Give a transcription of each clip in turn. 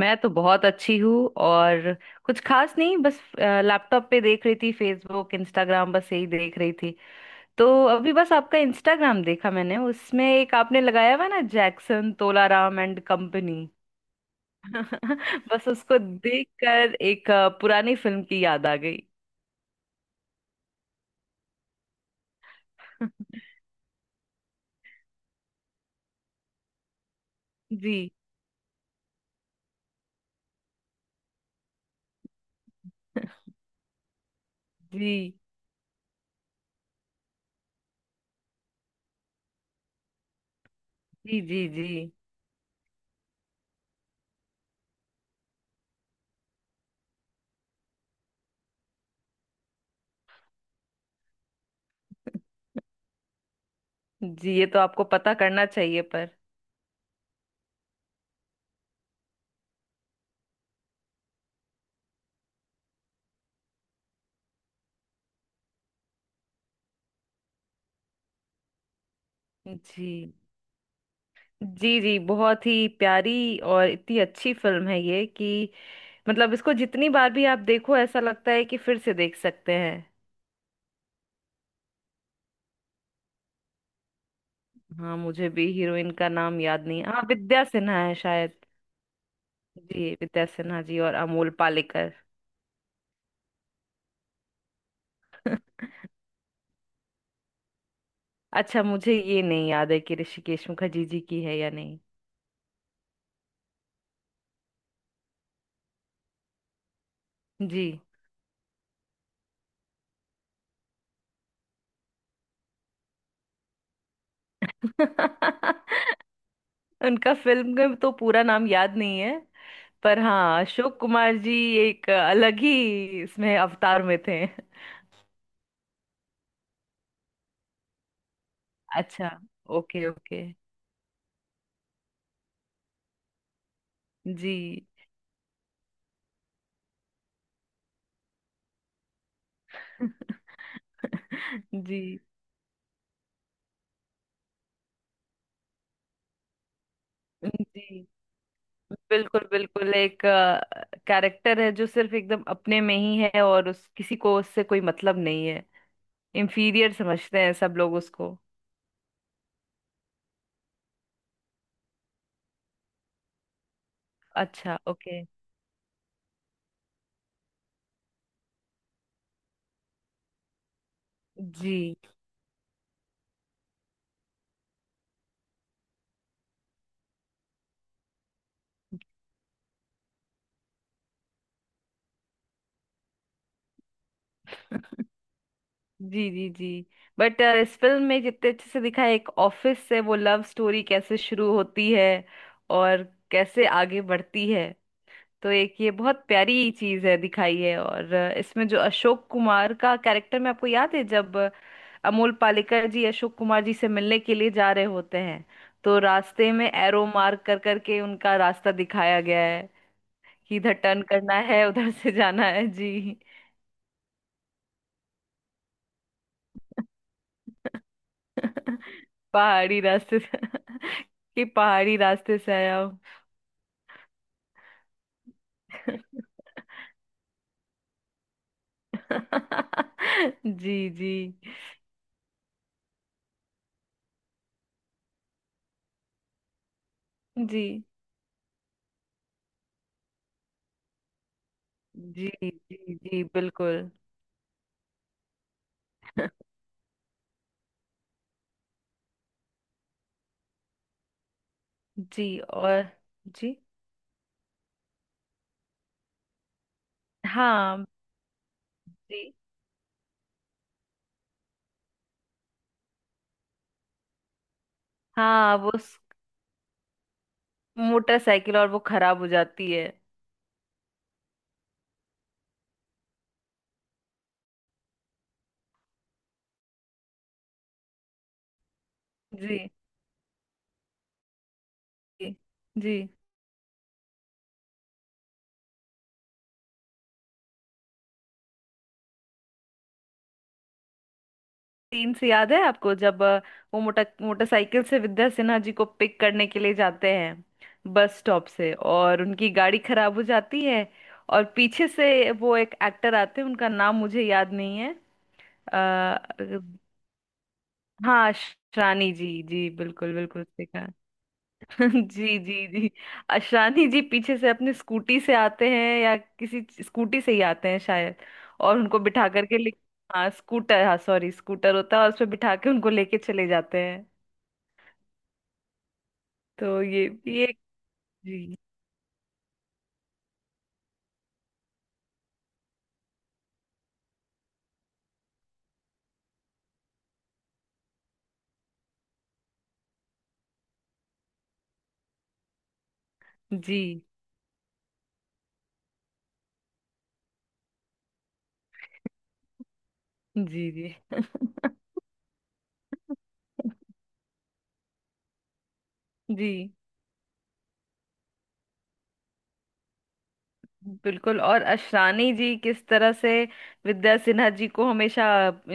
मैं तो बहुत अच्छी हूँ और कुछ खास नहीं। बस लैपटॉप पे देख रही थी फेसबुक इंस्टाग्राम, बस यही देख रही थी। तो अभी बस आपका इंस्टाग्राम देखा मैंने, उसमें एक आपने लगाया हुआ है ना जैक्सन तोलाराम एंड कंपनी। बस उसको देखकर एक पुरानी फिल्म की याद आ गई। जी जी जी। जी जी जी, ये तो आपको पता करना चाहिए पर। जी जी जी, बहुत ही प्यारी और इतनी अच्छी फिल्म है ये कि मतलब इसको जितनी बार भी आप देखो ऐसा लगता है कि फिर से देख सकते हैं। हाँ मुझे भी हीरोइन का नाम याद नहीं है। हाँ विद्या सिन्हा है शायद। जी विद्या सिन्हा जी और अमोल पालेकर। अच्छा, मुझे ये नहीं याद है कि ऋषिकेश मुखर्जी जी की है या नहीं। जी। उनका फिल्म का तो पूरा नाम याद नहीं है, पर हाँ अशोक कुमार जी एक अलग ही इसमें अवतार में थे। अच्छा। Okay okay. जी। जी। जी बिल्कुल बिल्कुल। एक कैरेक्टर है जो सिर्फ एकदम अपने में ही है और उस किसी को उससे कोई मतलब नहीं है। इंफीरियर समझते हैं सब लोग उसको। अच्छा ओके। जी जी जी। जी बट इस फिल्म में जितने अच्छे से दिखा है एक ऑफिस से वो लव स्टोरी कैसे शुरू होती है और कैसे आगे बढ़ती है। तो एक ये बहुत प्यारी चीज है दिखाई है। और इसमें जो अशोक कुमार का कैरेक्टर, में आपको याद है जब अमोल पालेकर जी अशोक कुमार जी से मिलने के लिए जा रहे होते हैं तो रास्ते में एरो मार्क कर करके उनका रास्ता दिखाया गया है कि इधर टर्न करना है, उधर से जाना है। जी। पहाड़ी रास्ते से। कि पहाड़ी रास्ते से आया हूँ। जी जी जी। जी जी। जी बिल्कुल। जी। और जी। हाँ जी। हाँ वो मोटरसाइकिल, और वो खराब हो जाती है। जी जी जी। सीन से याद है आपको जब वो मोटरसाइकिल से विद्या सिन्हा जी को पिक करने के लिए जाते हैं बस स्टॉप से, और उनकी गाड़ी खराब हो जाती है। और पीछे से वो एक एक्टर आते हैं, उनका नाम मुझे याद नहीं है। आ, हाँ शानी जी, जी बिल्कुल बिल्कुल सही कहा। जी जी जी। अशानी जी पीछे से अपनी स्कूटी से आते हैं या किसी स्कूटी से ही आते हैं शायद, और उनको बिठा करके ले। हाँ स्कूटर, हाँ सॉरी स्कूटर होता है, और उस पे बिठा के उनको लेके चले जाते हैं। तो ये जी जी जी जी। जी बिल्कुल। और अशरानी जी किस तरह से विद्या सिन्हा जी को हमेशा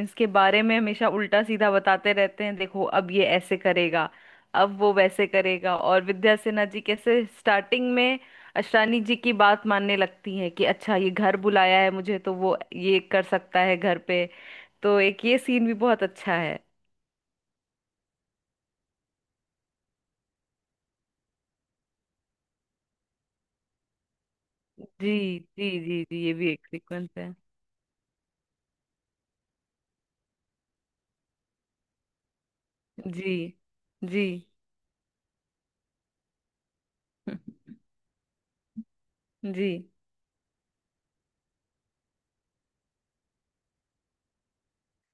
इसके बारे में हमेशा उल्टा सीधा बताते रहते हैं, देखो अब ये ऐसे करेगा, अब वो वैसे करेगा। और विद्या सिन्हा जी कैसे स्टार्टिंग में अशरानी जी की बात मानने लगती हैं कि अच्छा ये घर बुलाया है मुझे तो वो ये कर सकता है घर पे। तो एक ये सीन भी बहुत अच्छा है। जी जी जी जी, ये भी एक सीक्वेंस है। जी जी। जी।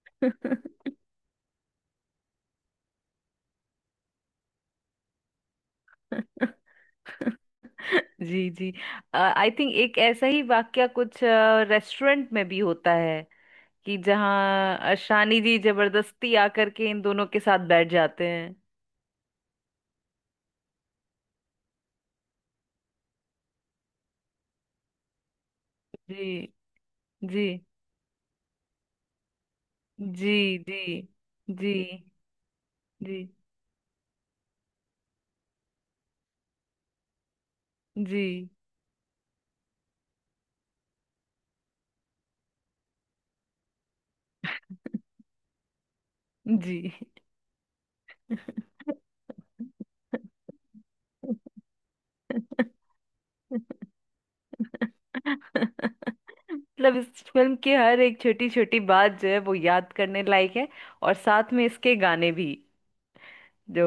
जी जी। आई थिंक एक ऐसा ही वाक्या कुछ रेस्टोरेंट में भी होता है कि जहाँ शानी जी जबरदस्ती आकर के इन दोनों के साथ बैठ जाते हैं। जी जी जी जी। जी जी जी जी। मतलब इस फिल्म की हर एक छोटी छोटी बात जो है वो याद करने लायक है। और साथ में इसके गाने भी, जो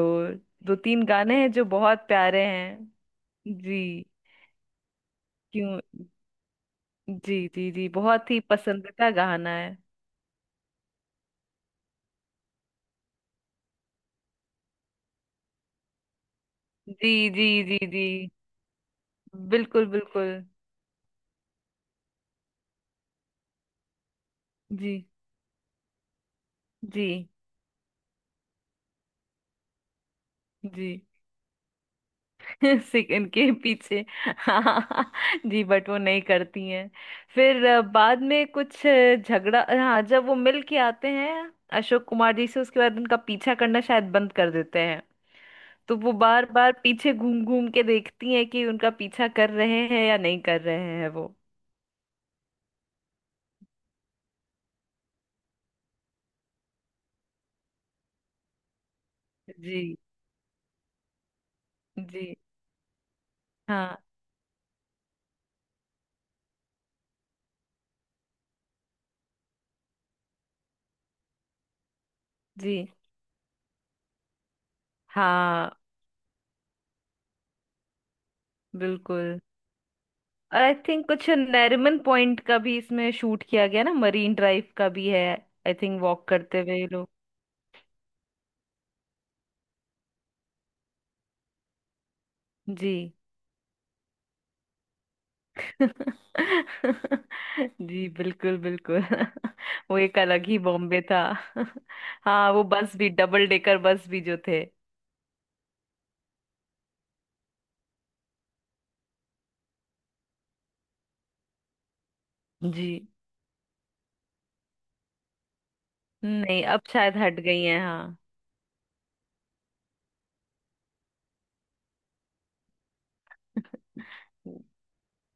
दो तीन गाने हैं जो बहुत प्यारे हैं। जी। क्यों। जी जी जी, बहुत ही पसंदीदा गाना है। जी जी जी जी बिल्कुल बिल्कुल। जी जी जी। सिक इनके पीछे। हाँ। जी बट वो नहीं करती हैं। फिर बाद में कुछ झगड़ा, हाँ, जब वो मिल के आते हैं अशोक कुमार जी से उसके बाद उनका पीछा करना शायद बंद कर देते हैं। तो वो बार बार पीछे घूम घूम के देखती है कि उनका पीछा कर रहे हैं या नहीं कर रहे हैं वो। जी जी। हाँ। जी। हाँ बिल्कुल, और आई थिंक कुछ नरीमन पॉइंट का भी इसमें शूट किया गया ना, मरीन ड्राइव का भी है। आई थिंक वॉक करते हुए ये लोग। जी। जी बिल्कुल बिल्कुल। वो एक अलग ही बॉम्बे था। हाँ वो बस भी, डबल डेकर बस भी जो थे। जी नहीं अब शायद हट गई है। हाँ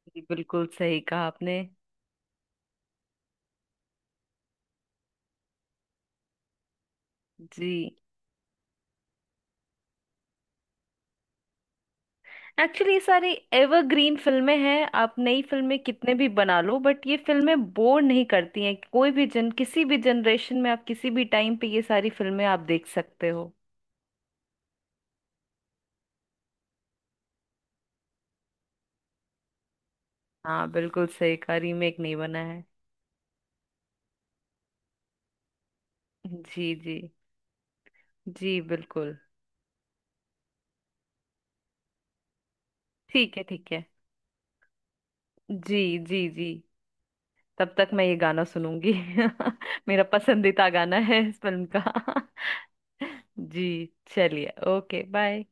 जी, बिल्कुल सही कहा आपने। जी। एक्चुअली ये सारी एवरग्रीन फिल्में हैं। आप नई फिल्में कितने भी बना लो बट ये फिल्में बोर नहीं करती हैं, कोई भी जन किसी भी जनरेशन में आप किसी भी टाइम पे ये सारी फिल्में आप देख सकते हो। हाँ बिल्कुल सही कहा, रीमेक नहीं बना है। जी जी। जी बिल्कुल। ठीक है ठीक है। जी जी जी। तब तक मैं ये गाना सुनूंगी। मेरा पसंदीदा गाना है इस फिल्म का। जी। चलिए ओके बाय।